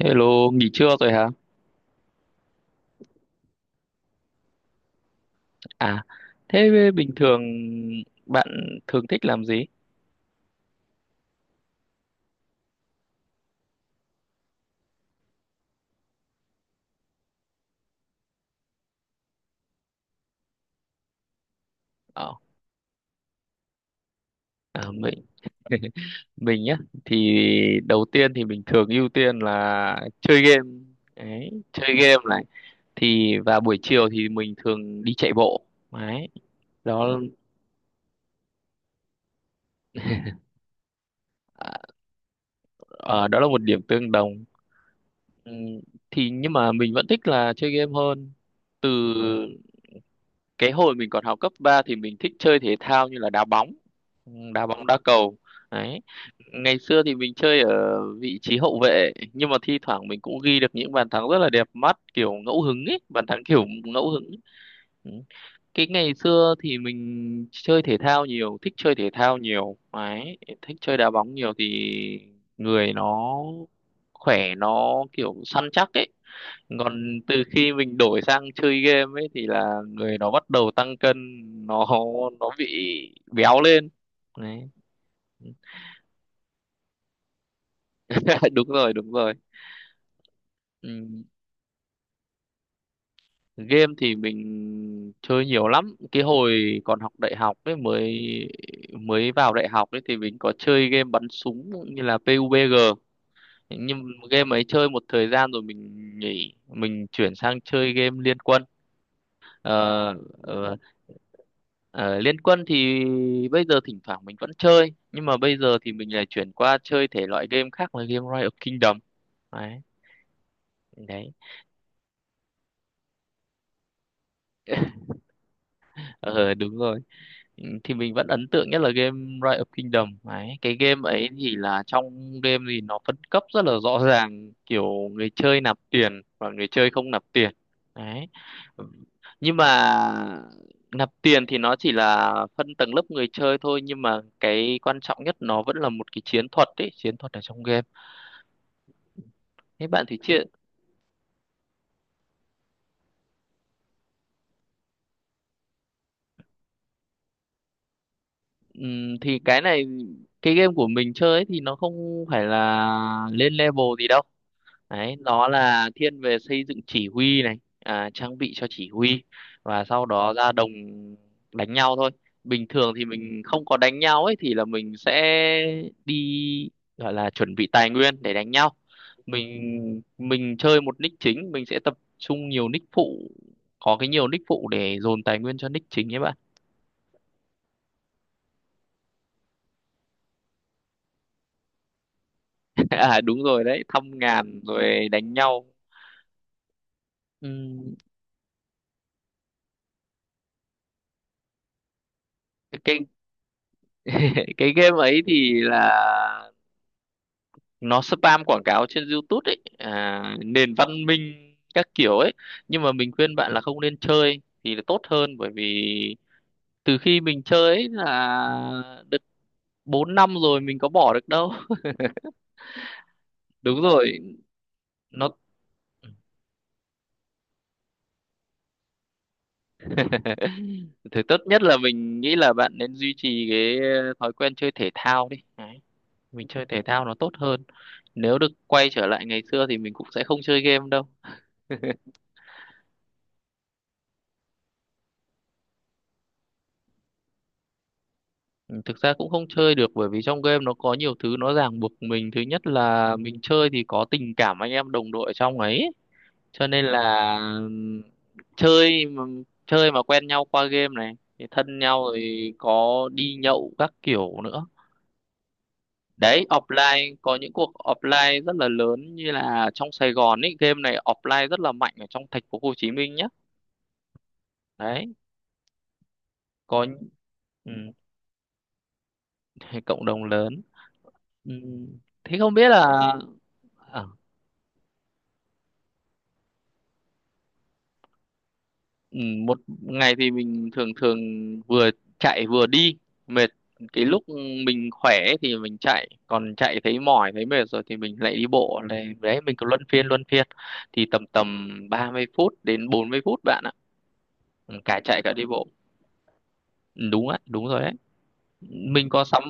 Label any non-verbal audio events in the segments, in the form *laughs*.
Hello, nghỉ trưa rồi hả? À, thế bình thường bạn thường thích làm gì? Ờ, à, mình mình nhá, thì đầu tiên thì mình thường ưu tiên là chơi game. Đấy, chơi game này. Thì và buổi chiều thì mình thường đi chạy bộ. Đấy, đó à, ờ, đó là một điểm tương đồng. Ừ, thì nhưng mà mình vẫn thích là chơi game hơn. Từ cái hồi mình còn học cấp 3 thì mình thích chơi thể thao như là đá bóng đá cầu đấy. Ngày xưa thì mình chơi ở vị trí hậu vệ, nhưng mà thi thoảng mình cũng ghi được những bàn thắng rất là đẹp mắt kiểu ngẫu hứng ấy, bàn thắng kiểu ngẫu hứng. Ừ. Cái ngày xưa thì mình chơi thể thao nhiều, thích chơi thể thao nhiều đấy, thích chơi đá bóng nhiều thì người nó khỏe, nó kiểu săn chắc ấy. Còn từ khi mình đổi sang chơi game ấy thì là người nó bắt đầu tăng cân, nó nó bị béo lên đấy. *laughs* Đúng rồi, đúng rồi. Ừ. Game thì mình chơi nhiều lắm, cái hồi còn học đại học ấy, mới mới vào đại học ấy thì mình có chơi game bắn súng như là PUBG, nhưng game ấy chơi một thời gian rồi mình nghỉ, mình chuyển sang chơi game Liên Quân. Ờ, ờ, ờ, Liên Quân thì bây giờ thỉnh thoảng mình vẫn chơi, nhưng mà bây giờ thì mình lại chuyển qua chơi thể loại game khác là game Rise of Kingdom. Đấy. Đấy. *laughs* Ờ, đúng rồi. Ừ, thì mình vẫn ấn tượng nhất là game Rise of Kingdom ấy, cái game ấy thì là trong game thì nó phân cấp rất là rõ ràng, kiểu người chơi nạp tiền và người chơi không nạp tiền. Đấy. Ừ. Nhưng mà nạp tiền thì nó chỉ là phân tầng lớp người chơi thôi, nhưng mà cái quan trọng nhất nó vẫn là một cái chiến thuật ấy, chiến thuật ở trong game. Thế bạn thì chia thì cái này, cái game của mình chơi ấy thì nó không phải là lên level gì đâu. Đấy, nó là thiên về xây dựng chỉ huy này, à, trang bị cho chỉ huy và sau đó ra đồng đánh nhau thôi. Bình thường thì mình không có đánh nhau ấy thì là mình sẽ đi, gọi là chuẩn bị tài nguyên để đánh nhau. Mình chơi một nick chính, mình sẽ tập trung nhiều nick phụ, có cái nhiều nick phụ để dồn tài nguyên cho nick chính ấy bạn. *laughs* À đúng rồi đấy, thăm ngàn rồi đánh nhau. Ừm. Cái *laughs* cái game ấy thì là nó spam quảng cáo trên YouTube ấy, à, nền văn minh các kiểu ấy, nhưng mà mình khuyên bạn là không nên chơi thì là tốt hơn, bởi vì từ khi mình chơi ấy là được 4 năm rồi, mình có bỏ được đâu. *laughs* Đúng rồi. Nó. *laughs* Thì tốt nhất là mình nghĩ là bạn nên duy trì cái thói quen chơi thể thao đi. Đấy. Mình chơi thể thao nó tốt hơn, nếu được quay trở lại ngày xưa thì mình cũng sẽ không chơi game đâu. Ừ, thực ra cũng không chơi được bởi vì trong game nó có nhiều thứ nó ràng buộc mình. Thứ nhất là mình chơi thì có tình cảm anh em đồng đội ở trong ấy. Cho nên là chơi mà, chơi mà quen nhau qua game này thì thân nhau rồi, có đi nhậu các kiểu nữa. Đấy, offline có những cuộc offline rất là lớn, như là trong Sài Gòn ấy, game này offline rất là mạnh ở trong thành phố Hồ Chí Minh nhá. Đấy, có ừm, *laughs* cộng đồng lớn. Ừm. Thế không biết là à, ừ, một ngày thì mình thường thường vừa chạy vừa đi mệt, cái lúc mình khỏe ấy thì mình chạy, còn chạy thấy mỏi thấy mệt rồi thì mình lại đi bộ này. Đấy, mình cứ luân phiên thì tầm tầm 30 phút đến 40 phút bạn ạ. Ừ, cả chạy cả đi bộ. Ừ, đúng ạ, đúng rồi đấy. mình có sắm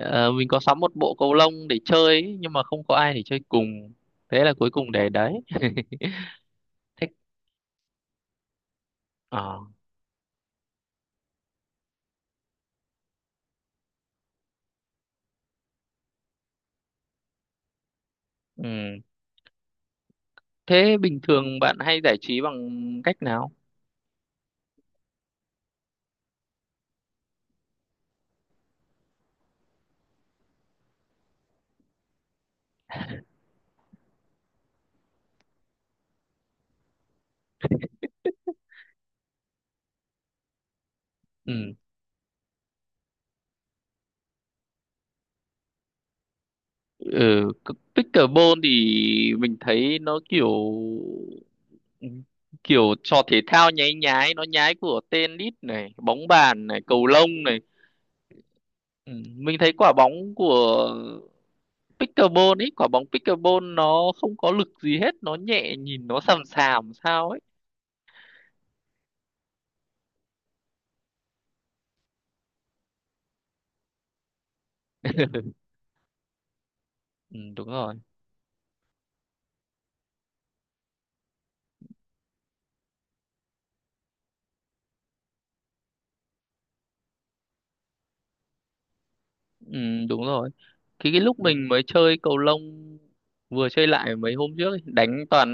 ờ, mình có sắm một bộ cầu lông để chơi ấy, nhưng mà không có ai để chơi cùng, thế là cuối cùng để đấy. Thích ờ ừ, thế bình thường bạn hay giải trí bằng cách nào? Ừ. Ừ. c- Pickleball thì mình thấy nó kiểu ừ, kiểu trò thể thao nháy nhái, nó nhái của tennis này, bóng bàn này, cầu lông này. Ừ. Mình thấy quả bóng của pickleball ấy, quả bóng pickleball nó không có lực gì hết, nó nhẹ, nhìn nó sàm sàm sao ấy. *laughs* Ừ, đúng rồi. Ừ, đúng rồi. Cái lúc mình mới chơi cầu lông, vừa chơi lại mấy hôm trước ấy, đánh toàn,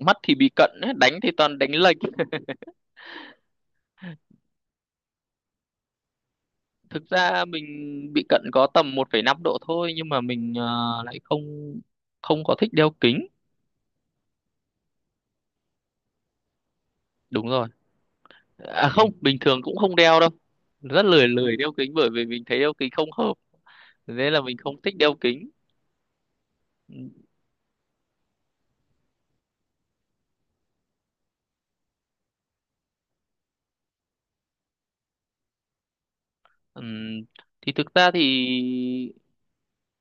mắt thì bị cận ấy, đánh thì toàn đánh lệch. Thực ra mình bị cận có tầm 1,5 độ thôi, nhưng mà mình lại không, không có thích đeo kính. Đúng rồi. À không, bình thường cũng không đeo đâu, rất lười, lười đeo kính bởi vì mình thấy đeo kính không hợp, nên là mình không thích đeo kính. Ừm, thì thực ra thì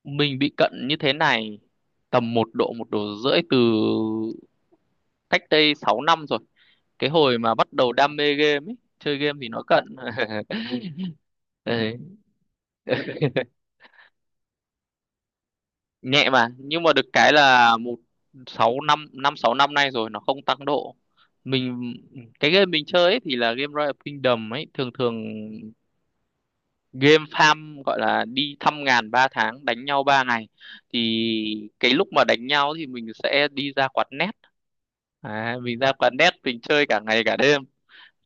mình bị cận như thế này tầm 1 độ, 1,5 độ, từ cách đây 6 năm rồi, cái hồi mà bắt đầu đam mê game ấy, chơi game thì nó cận. *laughs* Đấy. *laughs* Nhẹ mà, nhưng mà được cái là một sáu năm, năm sáu năm nay rồi nó không tăng độ. Mình, cái game mình chơi ấy thì là game Royal Kingdom ấy, thường thường game farm gọi là đi thăm ngàn 3 tháng đánh nhau 3 ngày. Thì cái lúc mà đánh nhau thì mình sẽ đi ra quán net. À, mình ra quán net mình chơi cả ngày cả đêm,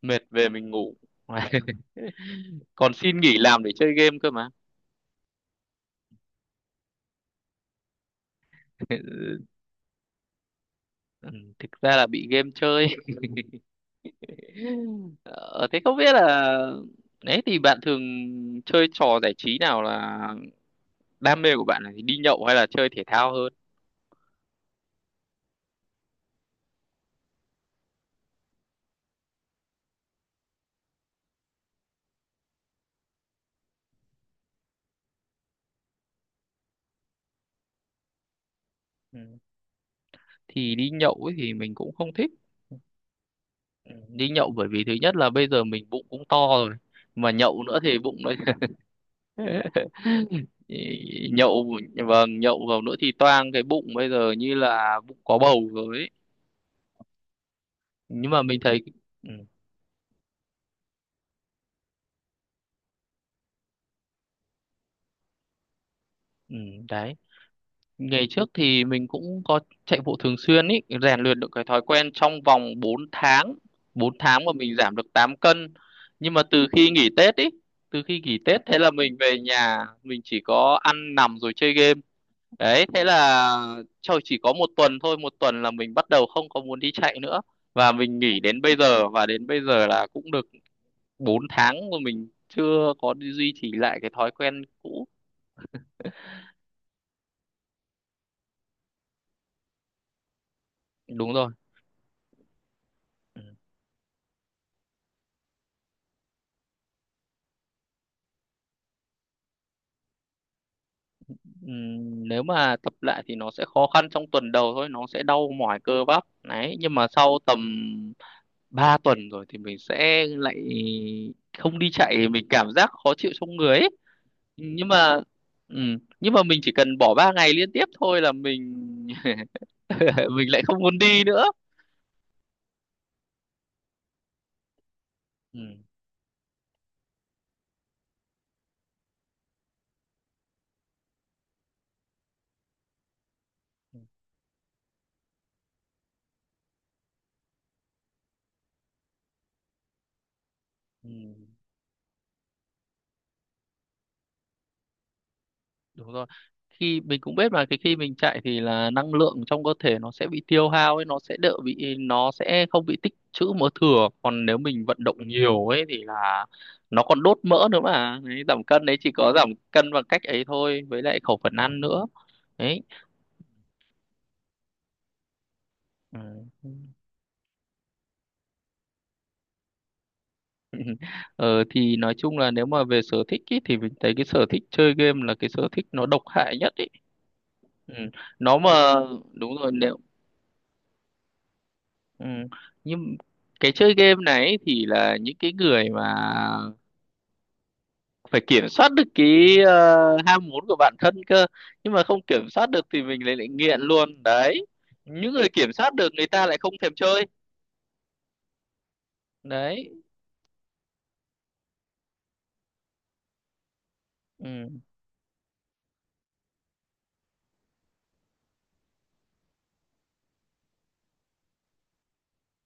mệt về mình ngủ. *laughs* Còn xin nghỉ làm để chơi game cơ mà. *laughs* Ừ, thực ra là bị game chơi. Ờ, thế không biết là đấy, thì bạn thường chơi trò giải trí nào, là đam mê của bạn là đi nhậu hay là chơi thể thao hơn? Ừ. Thì đi nhậu ấy thì mình cũng không thích. Ừ. Đi nhậu bởi vì thứ nhất là bây giờ mình bụng cũng to rồi. Mà nhậu nữa thì bụng nó *laughs* ý- nhậu, vâng nhậu vào nữa thì toang, cái bụng bây giờ như là bụng có bầu rồi ấy. Nhưng mà mình thấy ừ, ừ, đấy. Ngày trước thì mình cũng có chạy bộ thường xuyên ý, rèn luyện được cái thói quen trong vòng 4 tháng, 4 tháng mà mình giảm được 8 cân. Nhưng mà từ khi nghỉ Tết ý, từ khi nghỉ Tết thế là mình về nhà, mình chỉ có ăn nằm rồi chơi game. Đấy, thế là trời chỉ có 1 tuần thôi, 1 tuần là mình bắt đầu không có muốn đi chạy nữa. Và mình nghỉ đến bây giờ, và đến bây giờ là cũng được 4 tháng mà mình chưa có duy trì lại cái thói quen cũ. Đúng rồi. Nếu mà tập lại thì nó sẽ khó khăn trong tuần đầu thôi, nó sẽ đau mỏi cơ bắp đấy, nhưng mà sau tầm 3 tuần rồi thì mình sẽ lại không đi chạy mình cảm giác khó chịu trong người ấy. Nhưng mà nhưng mà mình chỉ cần bỏ 3 ngày liên tiếp thôi là mình *laughs* mình lại không muốn đi nữa. Ừm. Ừm. Ừm. Đúng rồi, khi mình cũng biết mà cái khi mình chạy thì là năng lượng trong cơ thể nó sẽ bị tiêu hao ấy, nó sẽ đỡ bị, nó sẽ không bị tích trữ mỡ thừa, còn nếu mình vận động nhiều ấy thì là nó còn đốt mỡ nữa mà. Đấy, giảm cân đấy chỉ có giảm cân bằng cách ấy thôi, với lại khẩu phần ăn nữa. Đấy. Ừ. *laughs* Ờ, thì nói chung là nếu mà về sở thích ý, thì mình thấy cái sở thích chơi game là cái sở thích nó độc hại nhất ý. Ừ. Nó mà đúng rồi. Ừ. Nhưng cái chơi game này ấy thì là những cái người mà phải kiểm soát được cái ờ, ham muốn của bản thân cơ, nhưng mà không kiểm soát được thì mình lại lại nghiện luôn đấy. Những người kiểm soát được người ta lại không thèm chơi. Đấy. Ừ.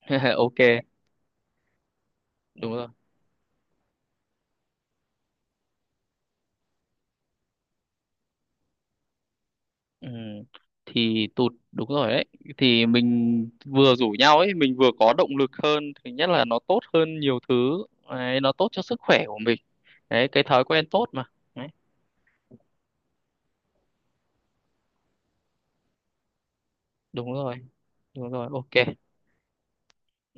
*laughs* Ok, đúng rồi. Ừ. Thì tụt đúng rồi đấy, thì mình vừa rủ nhau ấy mình vừa có động lực hơn, thứ nhất là nó tốt hơn nhiều thứ. Đấy, nó tốt cho sức khỏe của mình. Đấy, cái thói quen tốt mà. Đấy, đúng rồi. Đúng rồi, ok.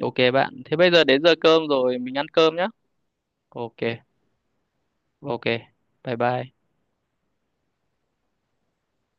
Ok bạn. Thế bây giờ đến giờ cơm rồi, mình ăn cơm nhá. Ok, ok. Bye bye.